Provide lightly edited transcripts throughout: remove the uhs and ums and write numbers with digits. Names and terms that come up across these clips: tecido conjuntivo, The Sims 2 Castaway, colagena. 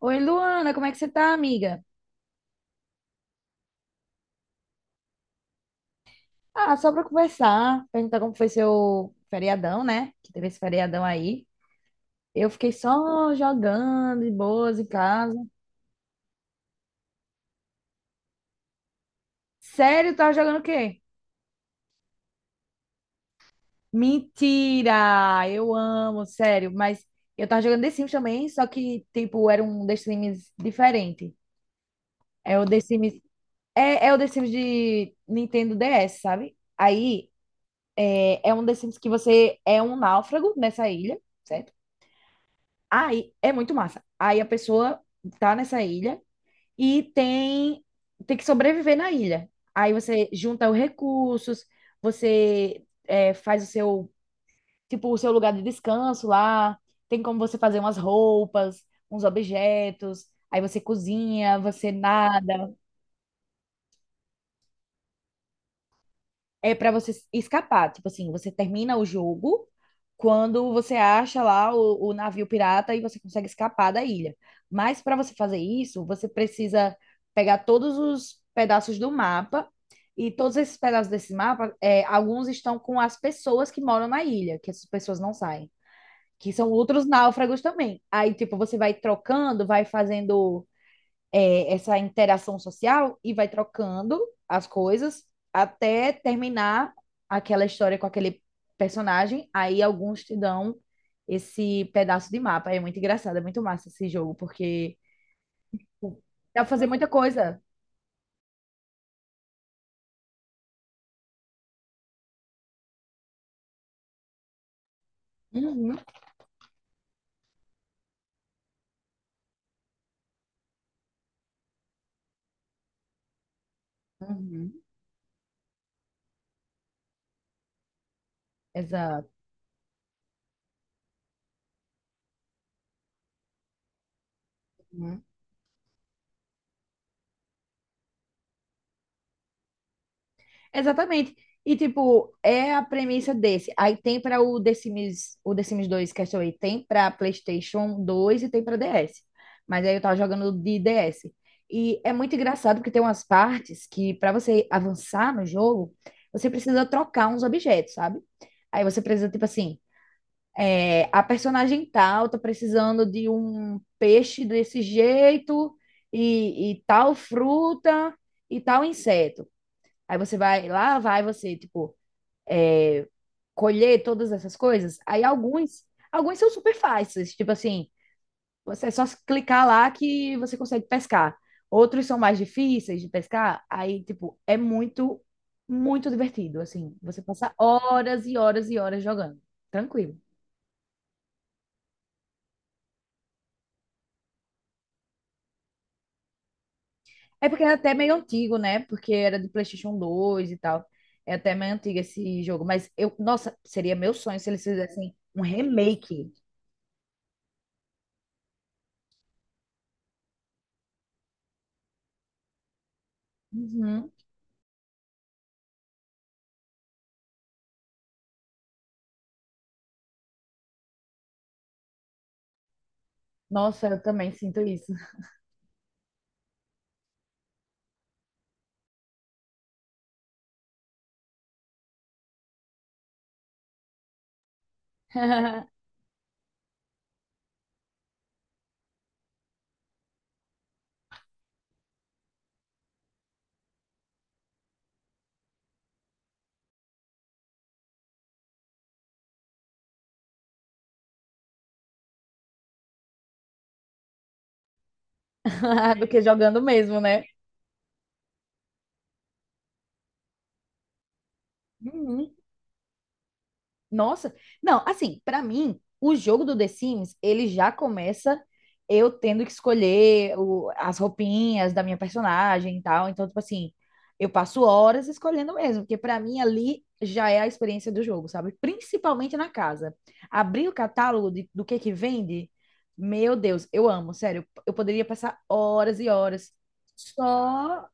Oi, Luana, como é que você tá, amiga? Ah, só pra conversar, perguntar como foi seu feriadão, né? Que teve esse feriadão aí. Eu fiquei só jogando de boas em casa. Sério, tava jogando o quê? Mentira! Eu amo, sério, mas eu tava jogando The Sims também, só que, tipo, era um The Sims diferente. É o The Sims. É o The Sims de Nintendo DS, sabe? Aí é um The Sims que você é um náufrago nessa ilha. Certo? Aí é muito massa. Aí a pessoa tá nessa ilha e tem que sobreviver na ilha. Aí você junta os recursos, você faz o seu tipo o seu lugar de descanso lá. Tem como você fazer umas roupas, uns objetos. Aí você cozinha, você nada. É para você escapar. Tipo assim, você termina o jogo quando você acha lá o navio pirata e você consegue escapar da ilha. Mas para você fazer isso, você precisa pegar todos os pedaços do mapa. E todos esses pedaços desse mapa, alguns estão com as pessoas que moram na ilha, que essas pessoas não saem, que são outros náufragos também. Aí, tipo, você vai trocando, vai fazendo essa interação social e vai trocando as coisas até terminar aquela história com aquele personagem. Aí alguns te dão esse pedaço de mapa. É muito engraçado, é muito massa esse jogo, porque dá pra fazer muita coisa. Uhum, uhum, exato. Exatamente. E, tipo, é a premissa desse. Aí tem para o The Sims 2 Castaway, tem para PlayStation 2 e tem para DS. Mas aí eu tava jogando de DS. E é muito engraçado porque tem umas partes que, para você avançar no jogo, você precisa trocar uns objetos, sabe? Aí você precisa, tipo assim, a personagem tal tá precisando de um peixe desse jeito, e tal fruta, e tal inseto. Aí você vai, lá vai você, tipo, colher todas essas coisas. Aí alguns são super fáceis, tipo assim, você é só clicar lá que você consegue pescar. Outros são mais difíceis de pescar, aí, tipo, é muito, muito divertido, assim. Você passa horas e horas e horas jogando, tranquilo. É porque é até meio antigo, né? Porque era de PlayStation 2 e tal. É até meio antigo esse jogo, mas eu, nossa, seria meu sonho se eles fizessem um remake. Uhum. Nossa, eu também sinto isso. Do que jogando mesmo, né? Uhum. Nossa, não, assim, pra mim, o jogo do The Sims, ele já começa eu tendo que escolher as roupinhas da minha personagem e tal. Então, tipo assim, eu passo horas escolhendo mesmo, porque pra mim ali já é a experiência do jogo, sabe? Principalmente na casa. Abrir o catálogo do que vende, meu Deus, eu amo, sério. Eu poderia passar horas e horas, Só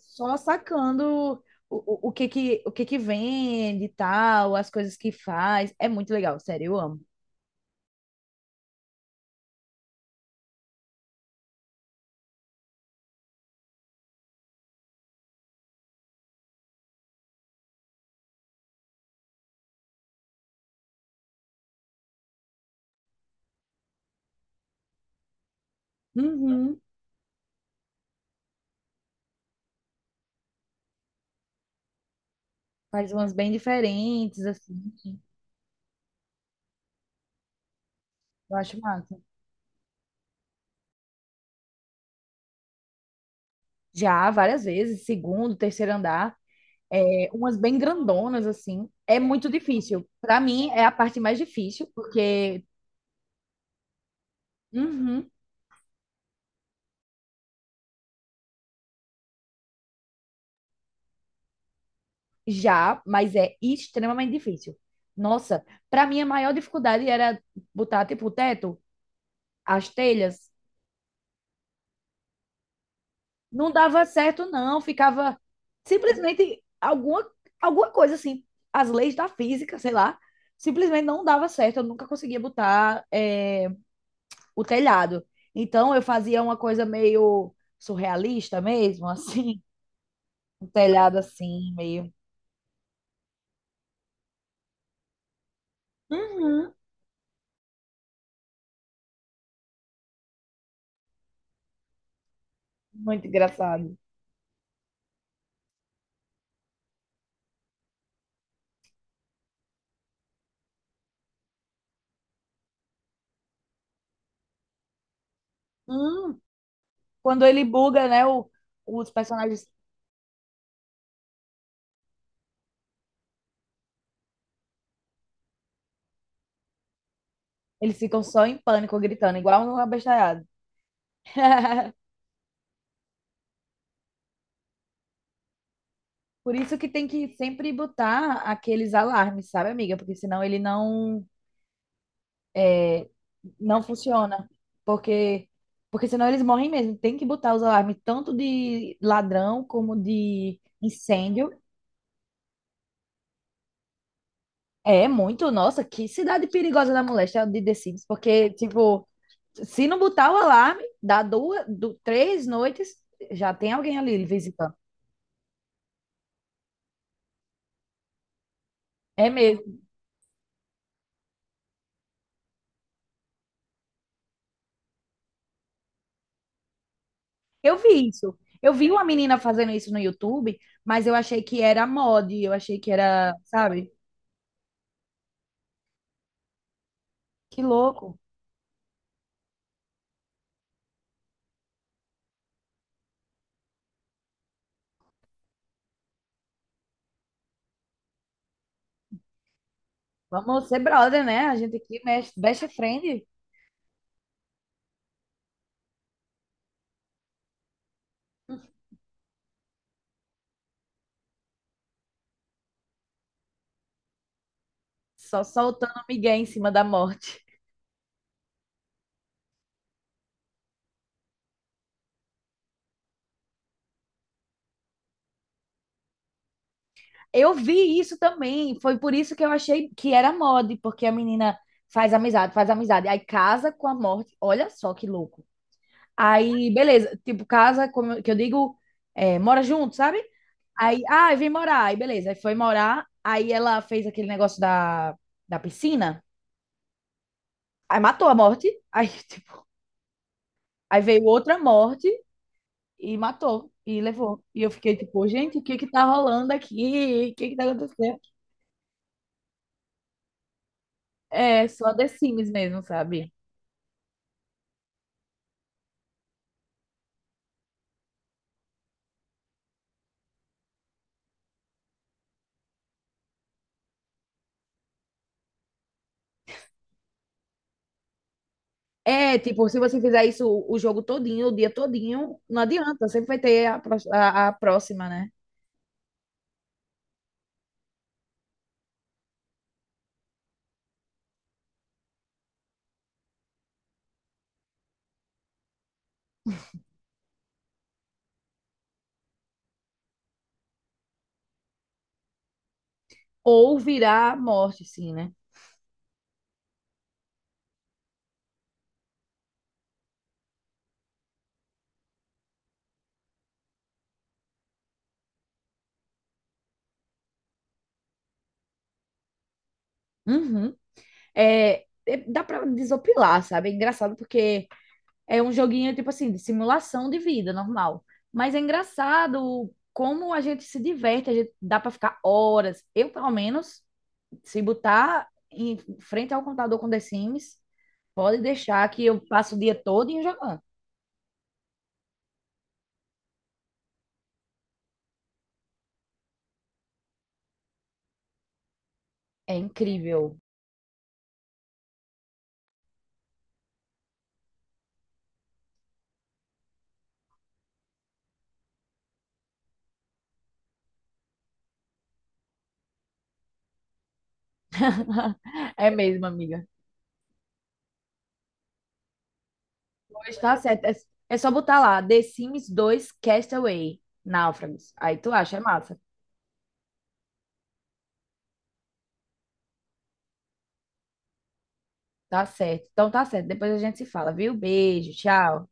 só sacando o que que vende e tal, as coisas que faz. É muito legal, sério, eu amo. Uhum. Faz umas bem diferentes, assim. Eu acho massa. Já, várias vezes, segundo, terceiro andar. É, umas bem grandonas, assim. É muito difícil. Pra mim, é a parte mais difícil, porque. Uhum. Já, mas é extremamente difícil. Nossa, pra mim a maior dificuldade era botar, tipo, o teto, as telhas. Não dava certo, não. Ficava simplesmente alguma coisa assim. As leis da física, sei lá, simplesmente não dava certo. Eu nunca conseguia botar o telhado. Então eu fazia uma coisa meio surrealista mesmo, assim, um telhado assim, meio. Uhum. Muito engraçado. Hum, quando ele buga, né? Os personagens eles ficam só em pânico, gritando, igual um abestalhado. Por isso que tem que sempre botar aqueles alarmes, sabe, amiga? Porque senão ele não é, não funciona. Porque porque senão eles morrem mesmo. Tem que botar os alarmes tanto de ladrão como de incêndio. É muito, nossa, que cidade perigosa da moléstia de The Sims, porque tipo, se não botar o alarme, dá duas, três noites, já tem alguém ali visitando. É mesmo. Eu vi isso. Eu vi uma menina fazendo isso no YouTube, mas eu achei que era mod, eu achei que era, sabe? Que louco. Vamos ser brother, né? A gente aqui, best friend, só soltando migué em cima da morte. Eu vi isso também, foi por isso que eu achei que era mod, porque a menina faz amizade, aí casa com a morte. Olha só que louco. Aí, beleza, tipo, casa, como que eu digo, é, mora junto, sabe? Aí, ah, vem morar. Aí, beleza. Aí foi morar. Aí ela fez aquele negócio da piscina. Aí matou a morte. Aí, tipo, aí veio outra morte e matou. E levou. E eu fiquei tipo, gente, o que que tá rolando aqui? O que que tá acontecendo? É, só The Sims mesmo, sabe? É, tipo, se você fizer isso o jogo todinho, o dia todinho, não adianta. Sempre vai ter a próxima, né? Ou virar morte, sim, né? Uhum. É, dá pra desopilar, sabe? É engraçado porque é um joguinho, tipo assim, de simulação de vida normal. Mas é engraçado como a gente se diverte, a gente dá para ficar horas. Eu, pelo menos, se botar em frente ao computador com The Sims, pode deixar que eu passo o dia todo jogando. É incrível. É mesmo, amiga. Pois tá certo. É, é só botar lá, The Sims dois Castaway, Náufragos. Aí tu acha, é massa. Tá certo. Então tá certo. Depois a gente se fala, viu? Beijo, tchau.